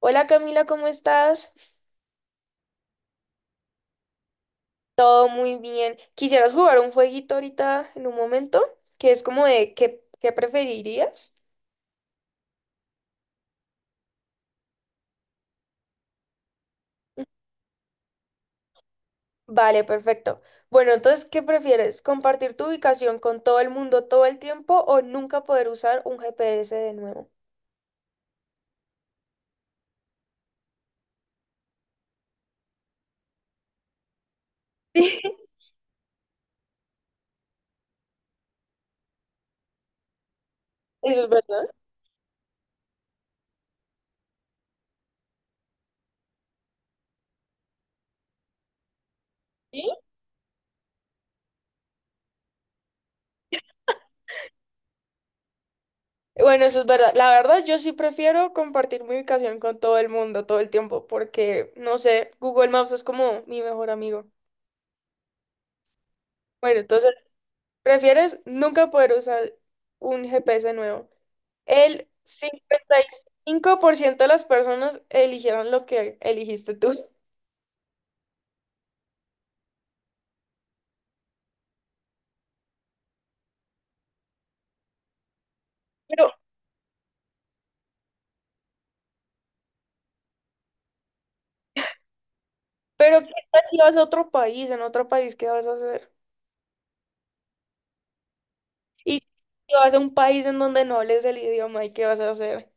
Hola, Camila, ¿cómo estás? Todo muy bien. ¿Quisieras jugar un jueguito ahorita en un momento? Que es como de ¿qué preferirías? Vale, perfecto. Bueno, entonces, ¿qué prefieres? ¿Compartir tu ubicación con todo el mundo todo el tiempo o nunca poder usar un GPS de nuevo? Sí, eso es verdad. Sí. Bueno, eso es verdad. La verdad, yo sí prefiero compartir mi ubicación con todo el mundo todo el tiempo porque, no sé, Google Maps es como mi mejor amigo. Bueno, entonces... ¿Prefieres nunca poder usar un GPS nuevo? El 55% de las personas eligieron lo que eligiste tú. Pero, pero ¿qué tal si vas a otro país? ¿En otro país qué vas a hacer? Y si vas a un país en donde no hables el idioma, ¿y qué vas a hacer?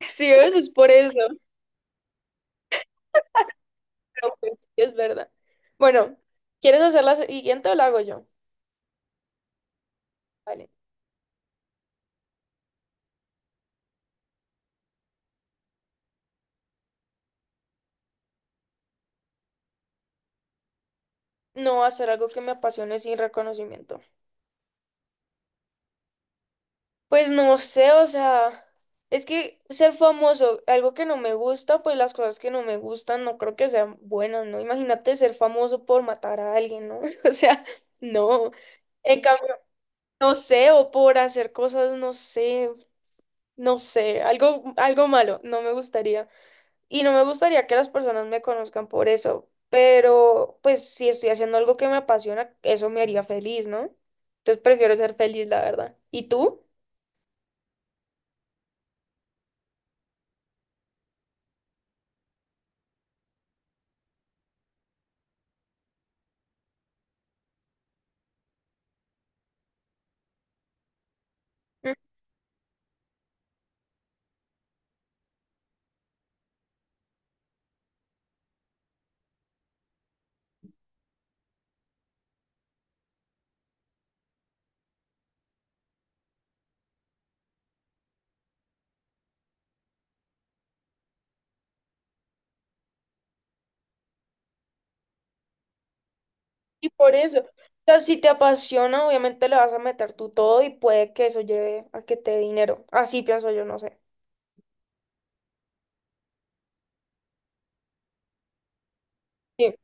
Sí, eso es por eso. Pero pues sí, es verdad. Bueno, ¿quieres hacer la siguiente o la hago yo? Vale. No hacer algo que me apasione sin reconocimiento. Pues no sé, o sea, es que ser famoso, algo que no me gusta, pues las cosas que no me gustan no creo que sean buenas, ¿no? Imagínate ser famoso por matar a alguien, ¿no? O sea, no. En cambio, no sé, o por hacer cosas, no sé, algo, algo malo, no me gustaría. Y no me gustaría que las personas me conozcan por eso, pero pues si estoy haciendo algo que me apasiona, eso me haría feliz, ¿no? Entonces prefiero ser feliz, la verdad. ¿Y tú? Y por eso, o sea, si te apasiona, obviamente le vas a meter tú todo y puede que eso lleve a que te dé dinero. Así pienso yo, no sé. Sí.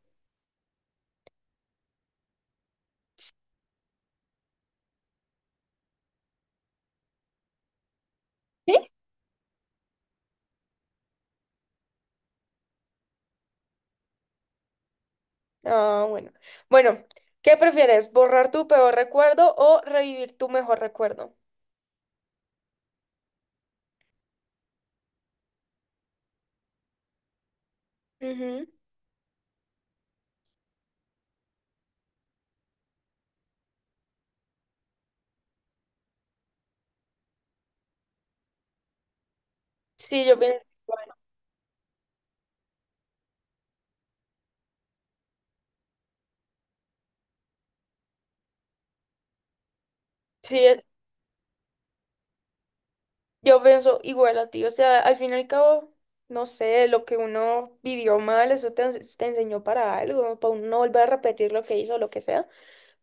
¿Sí? Ah, bueno. Bueno, ¿qué prefieres? ¿Borrar tu peor recuerdo o revivir tu mejor recuerdo? Ujú. Sí, yo pienso, igual sí, yo pienso igual a ti. O sea, al fin y al cabo, no sé, lo que uno vivió mal, eso te, te enseñó para algo, para uno no volver a repetir lo que hizo, lo que sea.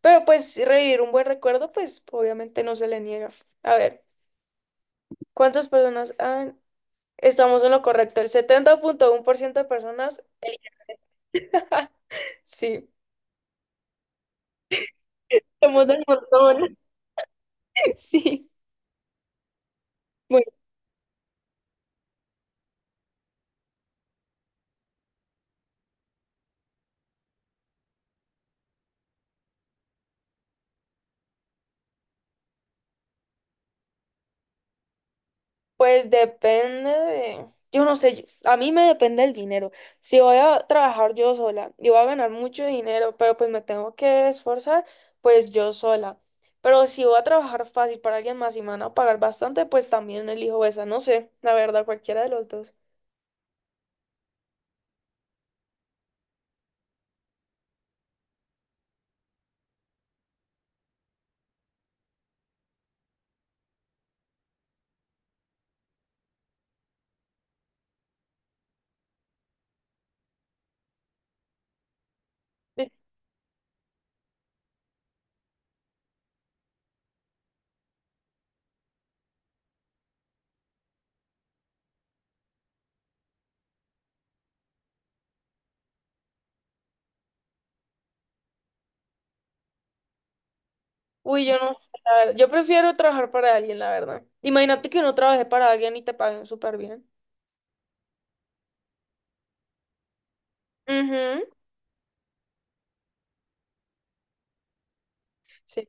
Pero pues revivir un buen recuerdo, pues obviamente no se le niega. A ver, ¿cuántas personas han... Estamos en lo correcto. El 70.1% de personas... Sí. Somos del montón. Sí. Pues depende de, yo no sé, a mí me depende el dinero. Si voy a trabajar yo sola y voy a ganar mucho dinero, pero pues me tengo que esforzar, pues yo sola. Pero si voy a trabajar fácil para alguien más y me van a pagar bastante, pues también elijo esa, no sé, la verdad, cualquiera de los dos. Sí. Uy, yo no sé, la verdad, yo prefiero trabajar para alguien, la verdad. Imagínate que no trabajé para alguien y te paguen súper bien. Ujú. Sí.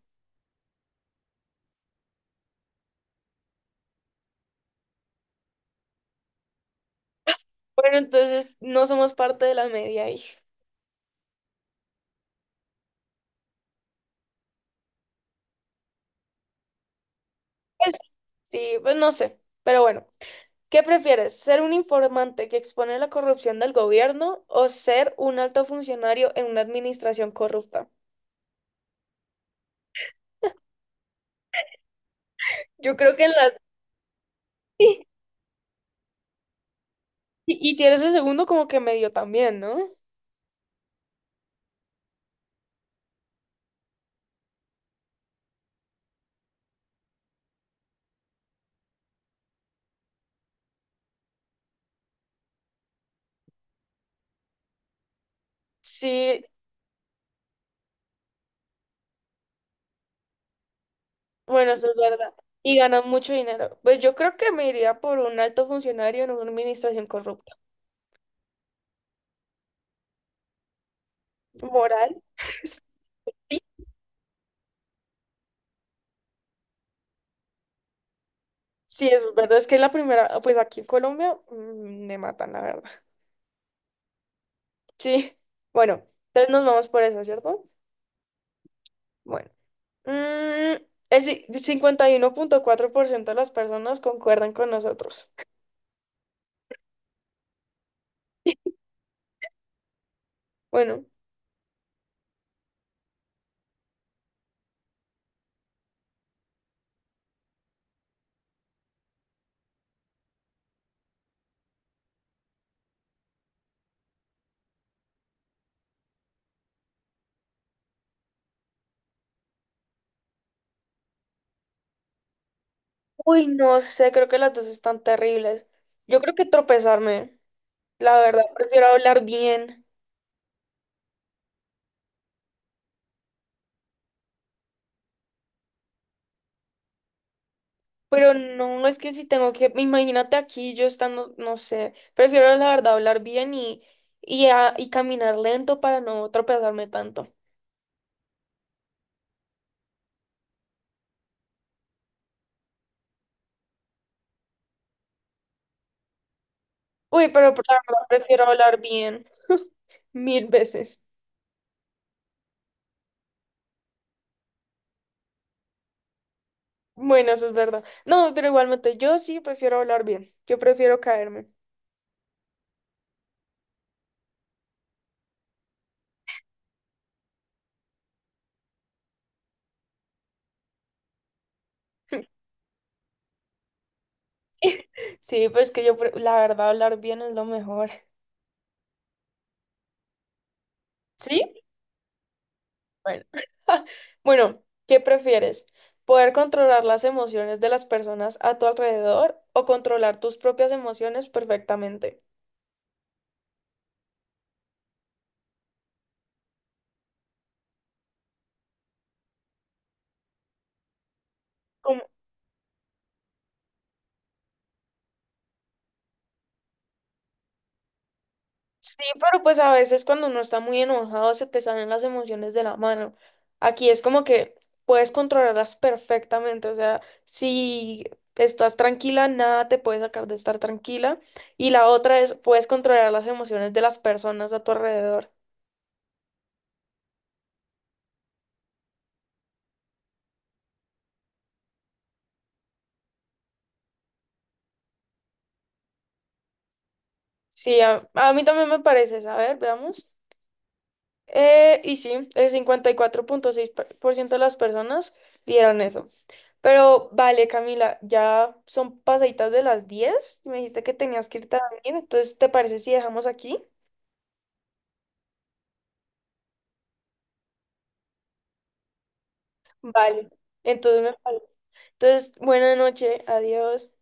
Bueno, entonces no somos parte de la media ahí. Pues, sí, pues no sé. Pero bueno, ¿qué prefieres? ¿Ser un informante que expone la corrupción del gobierno o ser un alto funcionario en una administración corrupta? Yo creo que en las... Y si eres el segundo, como que medio también, ¿no? Sí, bueno, eso es verdad. Y ganan mucho dinero. Pues yo creo que me iría por un alto funcionario en una administración corrupta. Moral. Sí, sí, es verdad. Es que la primera, pues aquí en Colombia me matan, la verdad. Sí, bueno, entonces nos vamos por eso, ¿cierto? Bueno, mm, el 51.4% de las personas concuerdan con nosotros. Bueno, uy, no sé, creo que las dos están terribles. Yo creo que tropezarme, la verdad, prefiero hablar bien, pero no, es que si tengo que, imagínate aquí yo estando, no sé, prefiero la verdad hablar bien y caminar lento para no tropezarme tanto. Uy, pero la verdad prefiero hablar bien mil veces. Bueno, eso es verdad. No, pero igualmente yo sí prefiero hablar bien. Yo prefiero caerme. Sí, pues que yo, la verdad, hablar bien es lo mejor. ¿Sí? Bueno. Bueno, ¿qué prefieres? ¿Poder controlar las emociones de las personas a tu alrededor o controlar tus propias emociones perfectamente? Sí, pero pues a veces cuando uno está muy enojado se te salen las emociones de la mano. Aquí es como que puedes controlarlas perfectamente, o sea, si estás tranquila, nada te puede sacar de estar tranquila. Y la otra es, puedes controlar las emociones de las personas a tu alrededor. Sí, a mí también me parece, a ver, veamos. Y sí, el 54.6% de las personas vieron eso. Pero vale, Camila, ya son pasaditas de las 10. Me dijiste que tenías que ir también. Entonces, ¿te parece si dejamos aquí? Vale. Entonces me parece. Entonces, buena noche. Adiós.